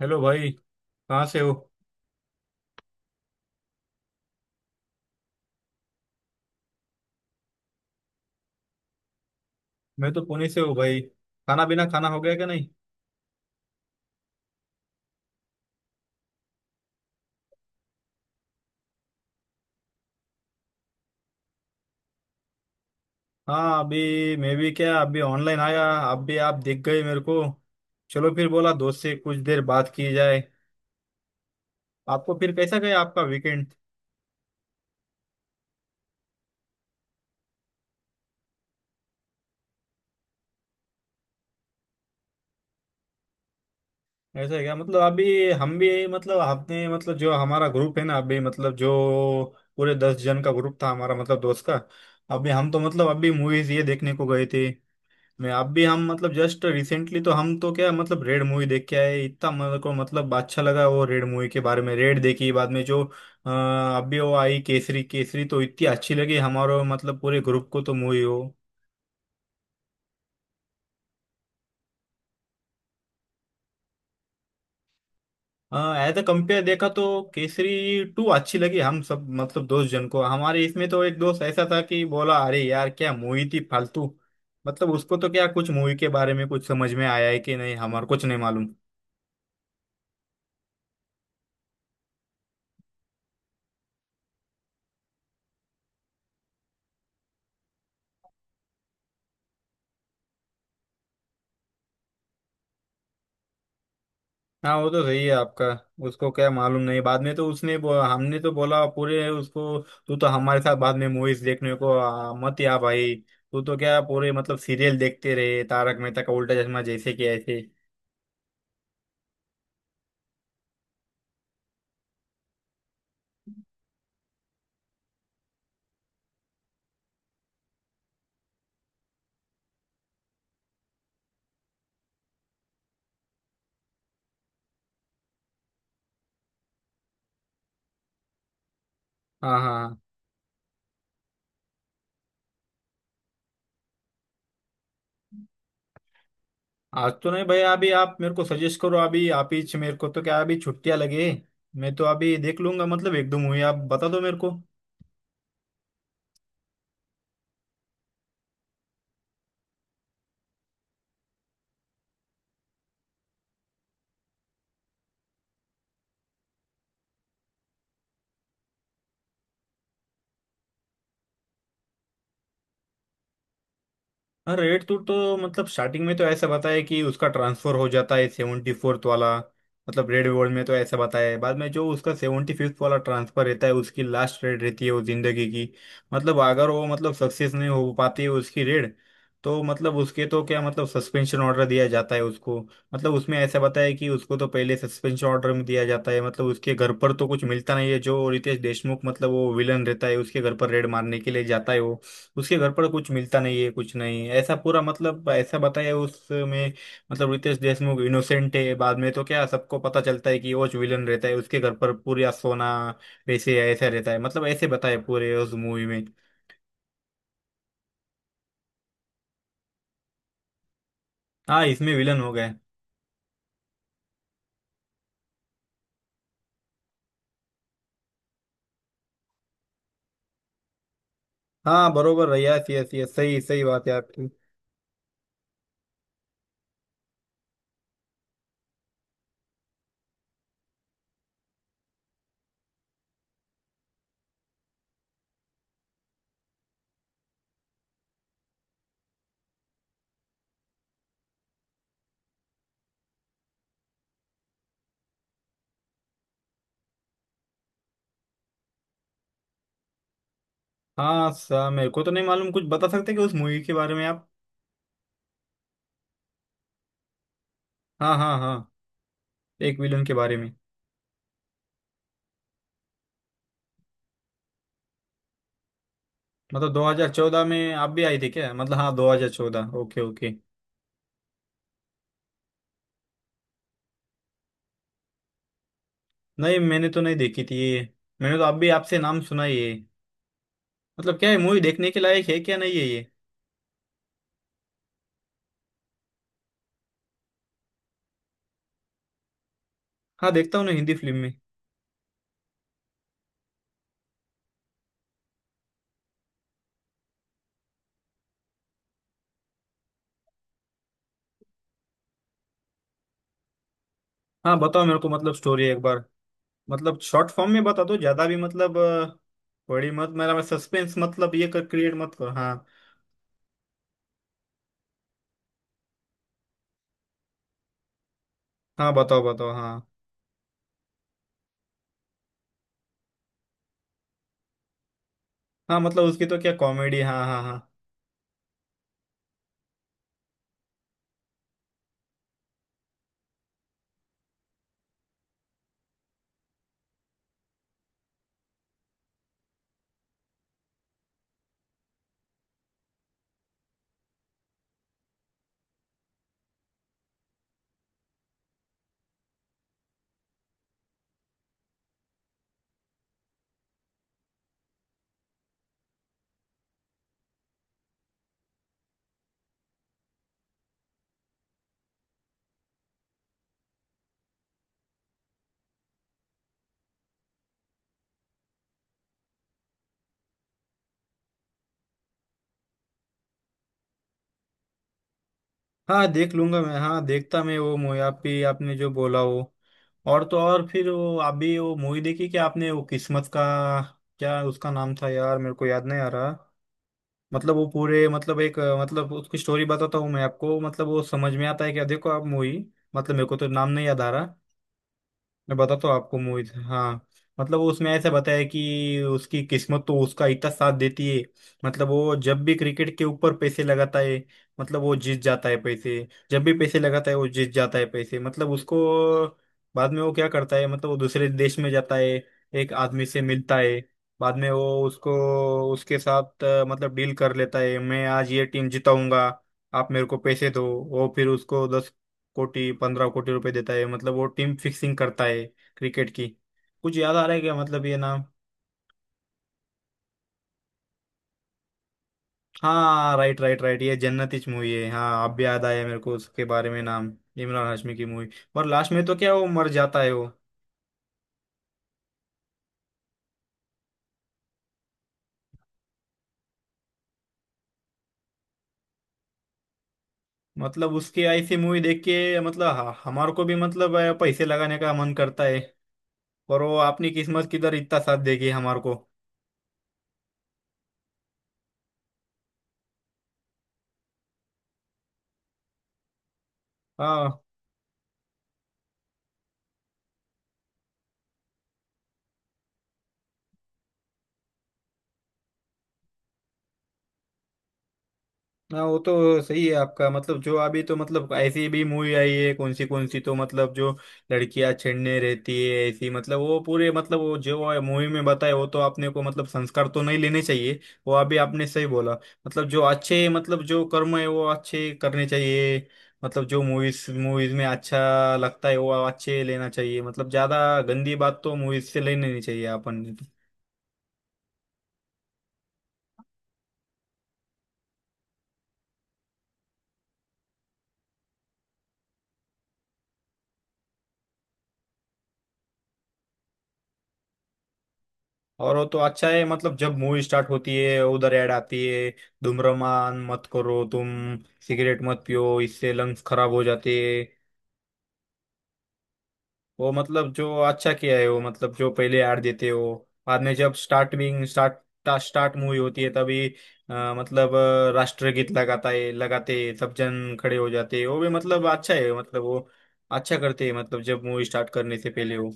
Hello भाई। कहाँ से हो? मैं तो पुणे से हूँ भाई। खाना बिना खाना हो गया क्या नहीं? हाँ अभी मैं भी क्या, अभी ऑनलाइन आया। अभी आप दिख गए मेरे को। चलो फिर बोला दोस्त से कुछ देर बात की जाए। आपको फिर कैसा गया आपका वीकेंड? ऐसा है क्या? मतलब अभी हम भी मतलब आपने मतलब जो हमारा ग्रुप है ना, अभी मतलब जो पूरे 10 जन का ग्रुप था हमारा, मतलब दोस्त का। अभी हम तो मतलब अभी मूवीज ये देखने को गए थे। मैं आप भी हम मतलब जस्ट रिसेंटली तो हम तो क्या मतलब रेड मूवी देख के आए। इतना मेरे को मतलब अच्छा लगा वो रेड मूवी के बारे में। रेड देखी, बाद में जो अभी वो आई केसरी। केसरी तो इतनी अच्छी लगी हमारे मतलब पूरे ग्रुप को तो मूवी हो। एज अ कंपेयर देखा तो केसरी टू अच्छी लगी हम सब मतलब दोस्त जन को हमारे। इसमें तो एक दोस्त ऐसा था कि बोला अरे यार क्या मूवी थी फालतू। मतलब उसको तो क्या कुछ मूवी के बारे में कुछ समझ में आया है कि नहीं, हमारे कुछ नहीं मालूम। हाँ वो तो सही है आपका। उसको क्या मालूम नहीं। बाद में तो उसने हमने तो बोला पूरे उसको, तू तो हमारे साथ बाद में मूवीज देखने को मत या भाई। तू तो क्या पूरे मतलब सीरियल देखते रहे तारक मेहता का उल्टा चश्मा जैसे कि ऐसे। हाँ हाँ हाँ। आज तो नहीं भैया। अभी आप मेरे को सजेस्ट करो, अभी आप ही मेरे को तो क्या, अभी छुट्टियां लगे मैं तो अभी देख लूंगा। मतलब एक दो मूवी आप बता दो मेरे को। हाँ रेड टू तो मतलब स्टार्टिंग में तो ऐसा बताया कि उसका ट्रांसफर हो जाता है 74th वाला। मतलब रेड वर्ल्ड में तो ऐसा बताया है, बाद में जो उसका 75th वाला ट्रांसफर रहता है उसकी लास्ट रेड रहती है वो जिंदगी की। मतलब अगर वो मतलब सक्सेस नहीं हो पाती है उसकी रेड, तो मतलब उसके तो क्या मतलब सस्पेंशन ऑर्डर दिया जाता है उसको। मतलब उसमें ऐसा बताया है कि उसको तो पहले सस्पेंशन ऑर्डर में दिया जाता है। मतलब उसके घर पर तो कुछ मिलता नहीं है। जो रितेश देशमुख मतलब वो विलन रहता है उसके घर पर रेड मारने के लिए जाता है वो, उसके घर पर कुछ मिलता नहीं है, कुछ नहीं ऐसा पूरा मतलब ऐसा बताया उसमें। मतलब रितेश देशमुख इनोसेंट है। बाद में तो क्या सबको पता चलता है कि वो विलन रहता है उसके घर पर। पूरा सोना, पैसे ऐसा रहता है मतलब ऐसे बताया पूरे उस मूवी में। हाँ इसमें विलन हो गए। हाँ बरोबर, यस, यस, यस, सही सही बात है आपकी। हाँ सा मेरे को तो नहीं मालूम, कुछ बता सकते हैं कि उस मूवी के बारे में आप? हाँ हाँ हाँ, एक विलन के बारे में। मतलब 2014 में आप भी आई थी क्या? मतलब हाँ 2014 ओके ओके। नहीं मैंने तो नहीं देखी थी ये। मैंने तो अब भी आपसे नाम सुना ही है। मतलब क्या है मूवी देखने के लायक है क्या नहीं है ये? हाँ देखता हूँ ना हिंदी फिल्म में। हाँ बताओ मेरे को मतलब स्टोरी एक बार। मतलब शॉर्ट फॉर्म में बता दो, ज्यादा भी मतलब बड़ी मत मेरा मैं सस्पेंस मतलब ये कर क्रिएट मत करो हाँ। हाँ बताओ, बताओ, हाँ। हाँ मतलब उसकी तो क्या कॉमेडी, हाँ हाँ हाँ। हाँ देख लूंगा मैं, हाँ देखता मैं वो मूवी आप भी आपने जो बोला वो। और तो और फिर वो आप भी वो मूवी देखी क्या आपने? वो किस्मत का क्या उसका नाम था यार? मेरे को याद नहीं आ रहा। मतलब वो पूरे मतलब एक मतलब उसकी स्टोरी बताता हूँ मैं आपको, मतलब वो समझ में आता है कि देखो आप मूवी। मतलब मेरे को तो नाम नहीं याद आ रहा। मैं बता तो आपको मूवी हाँ। मतलब वो उसमें ऐसा बताया कि उसकी किस्मत तो उसका इतना साथ देती है। मतलब वो जब भी क्रिकेट के ऊपर पैसे लगाता है मतलब वो जीत जाता है पैसे। जब भी पैसे लगाता है वो जीत जाता है पैसे मतलब उसको। बाद में वो क्या करता है, मतलब वो दूसरे देश में जाता है, एक आदमी से मिलता है। बाद में वो उसको उसके साथ मतलब डील कर लेता है, मैं आज ये टीम जिताऊंगा, आप मेरे को पैसे दो। वो फिर उसको 10 कोटी 15 कोटी रुपए देता है मतलब वो टीम फिक्सिंग करता है क्रिकेट की। कुछ याद आ रहा है क्या मतलब ये नाम? हाँ राइट राइट राइट, ये जन्नत इच मूवी है हाँ। अब याद आया मेरे को उसके बारे में नाम। इमरान हाशमी की मूवी। और लास्ट में तो क्या वो मर जाता है वो। मतलब उसकी ऐसी मूवी देख के मतलब हमारे को भी मतलब पैसे लगाने का मन करता है। और वो अपनी किस्मत किधर इतना साथ देगी हमारे को। हाँ हाँ वो तो सही है आपका। मतलब जो अभी तो मतलब ऐसी भी मूवी आई है कौन सी कौन सी, तो मतलब जो लड़कियां छेड़ने रहती है ऐसी, मतलब वो पूरे मतलब वो जो मूवी में बताए वो तो आपने को मतलब संस्कार तो नहीं लेने चाहिए। वो अभी आपने सही बोला। मतलब जो अच्छे मतलब जो कर्म है वो अच्छे करने चाहिए। मतलब जो मूवीज मूवीज में अच्छा लगता है वो अच्छे लेना चाहिए। मतलब ज्यादा गंदी बात तो मूवीज से लेनी नहीं चाहिए अपन। और वो तो अच्छा है मतलब जब मूवी स्टार्ट होती है उधर ऐड आती है। धूम्रपान मत करो तुम, सिगरेट मत पियो, इससे लंग्स खराब हो जाते हैं। वो मतलब जो अच्छा किया है, वो मतलब जो पहले ऐड देते हो बाद में जब स्टार्ट मूवी होती है तभी मतलब राष्ट्रगीत लगाता है लगाते हैं, सब जन खड़े हो जाते हैं। वो भी मतलब अच्छा है, मतलब वो अच्छा करते हैं, मतलब जब मूवी स्टार्ट करने से पहले वो।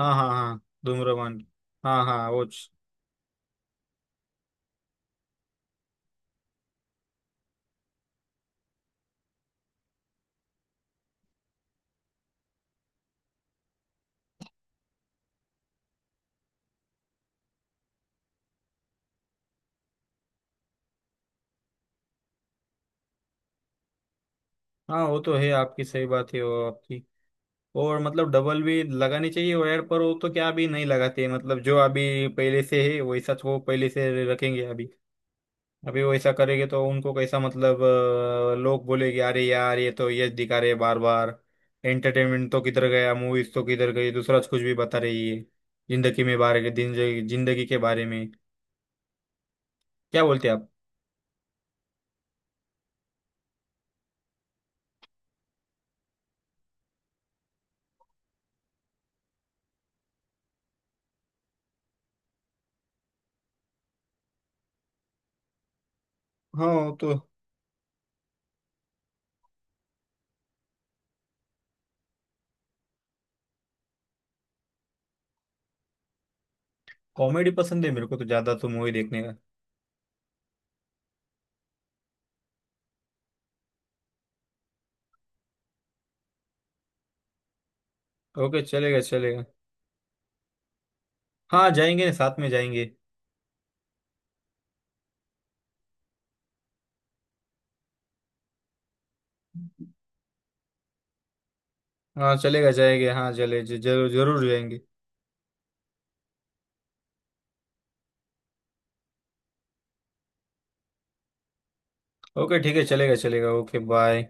हाँ हाँ हाँ, धूम्रपान। हाँ हाँ वो। हाँ वो तो है आपकी सही बात है वो आपकी। और मतलब डबल भी लगानी चाहिए वायर पर। वो तो क्या अभी नहीं लगाते, मतलब जो अभी पहले से है वैसा तो वो पहले से रखेंगे अभी। अभी वैसा करेंगे तो उनको कैसा मतलब लोग बोलेंगे, अरे यार ये तो ये दिखा रहे बार बार। एंटरटेनमेंट तो किधर गया, मूवीज तो किधर गई, दूसरा कुछ भी बता रही है जिंदगी में बारे के जिंदगी जिंदगी के बारे में। क्या बोलते हैं आप? हाँ वो तो कॉमेडी पसंद है मेरे को तो ज्यादा तो मूवी देखने का। ओके चलेगा चलेगा। हाँ जाएंगे साथ में जाएंगे। हाँ चलेगा, जाएंगे, हाँ चले जरूर जरूर जाएंगे। ओके ठीक है चलेगा चलेगा ओके बाय।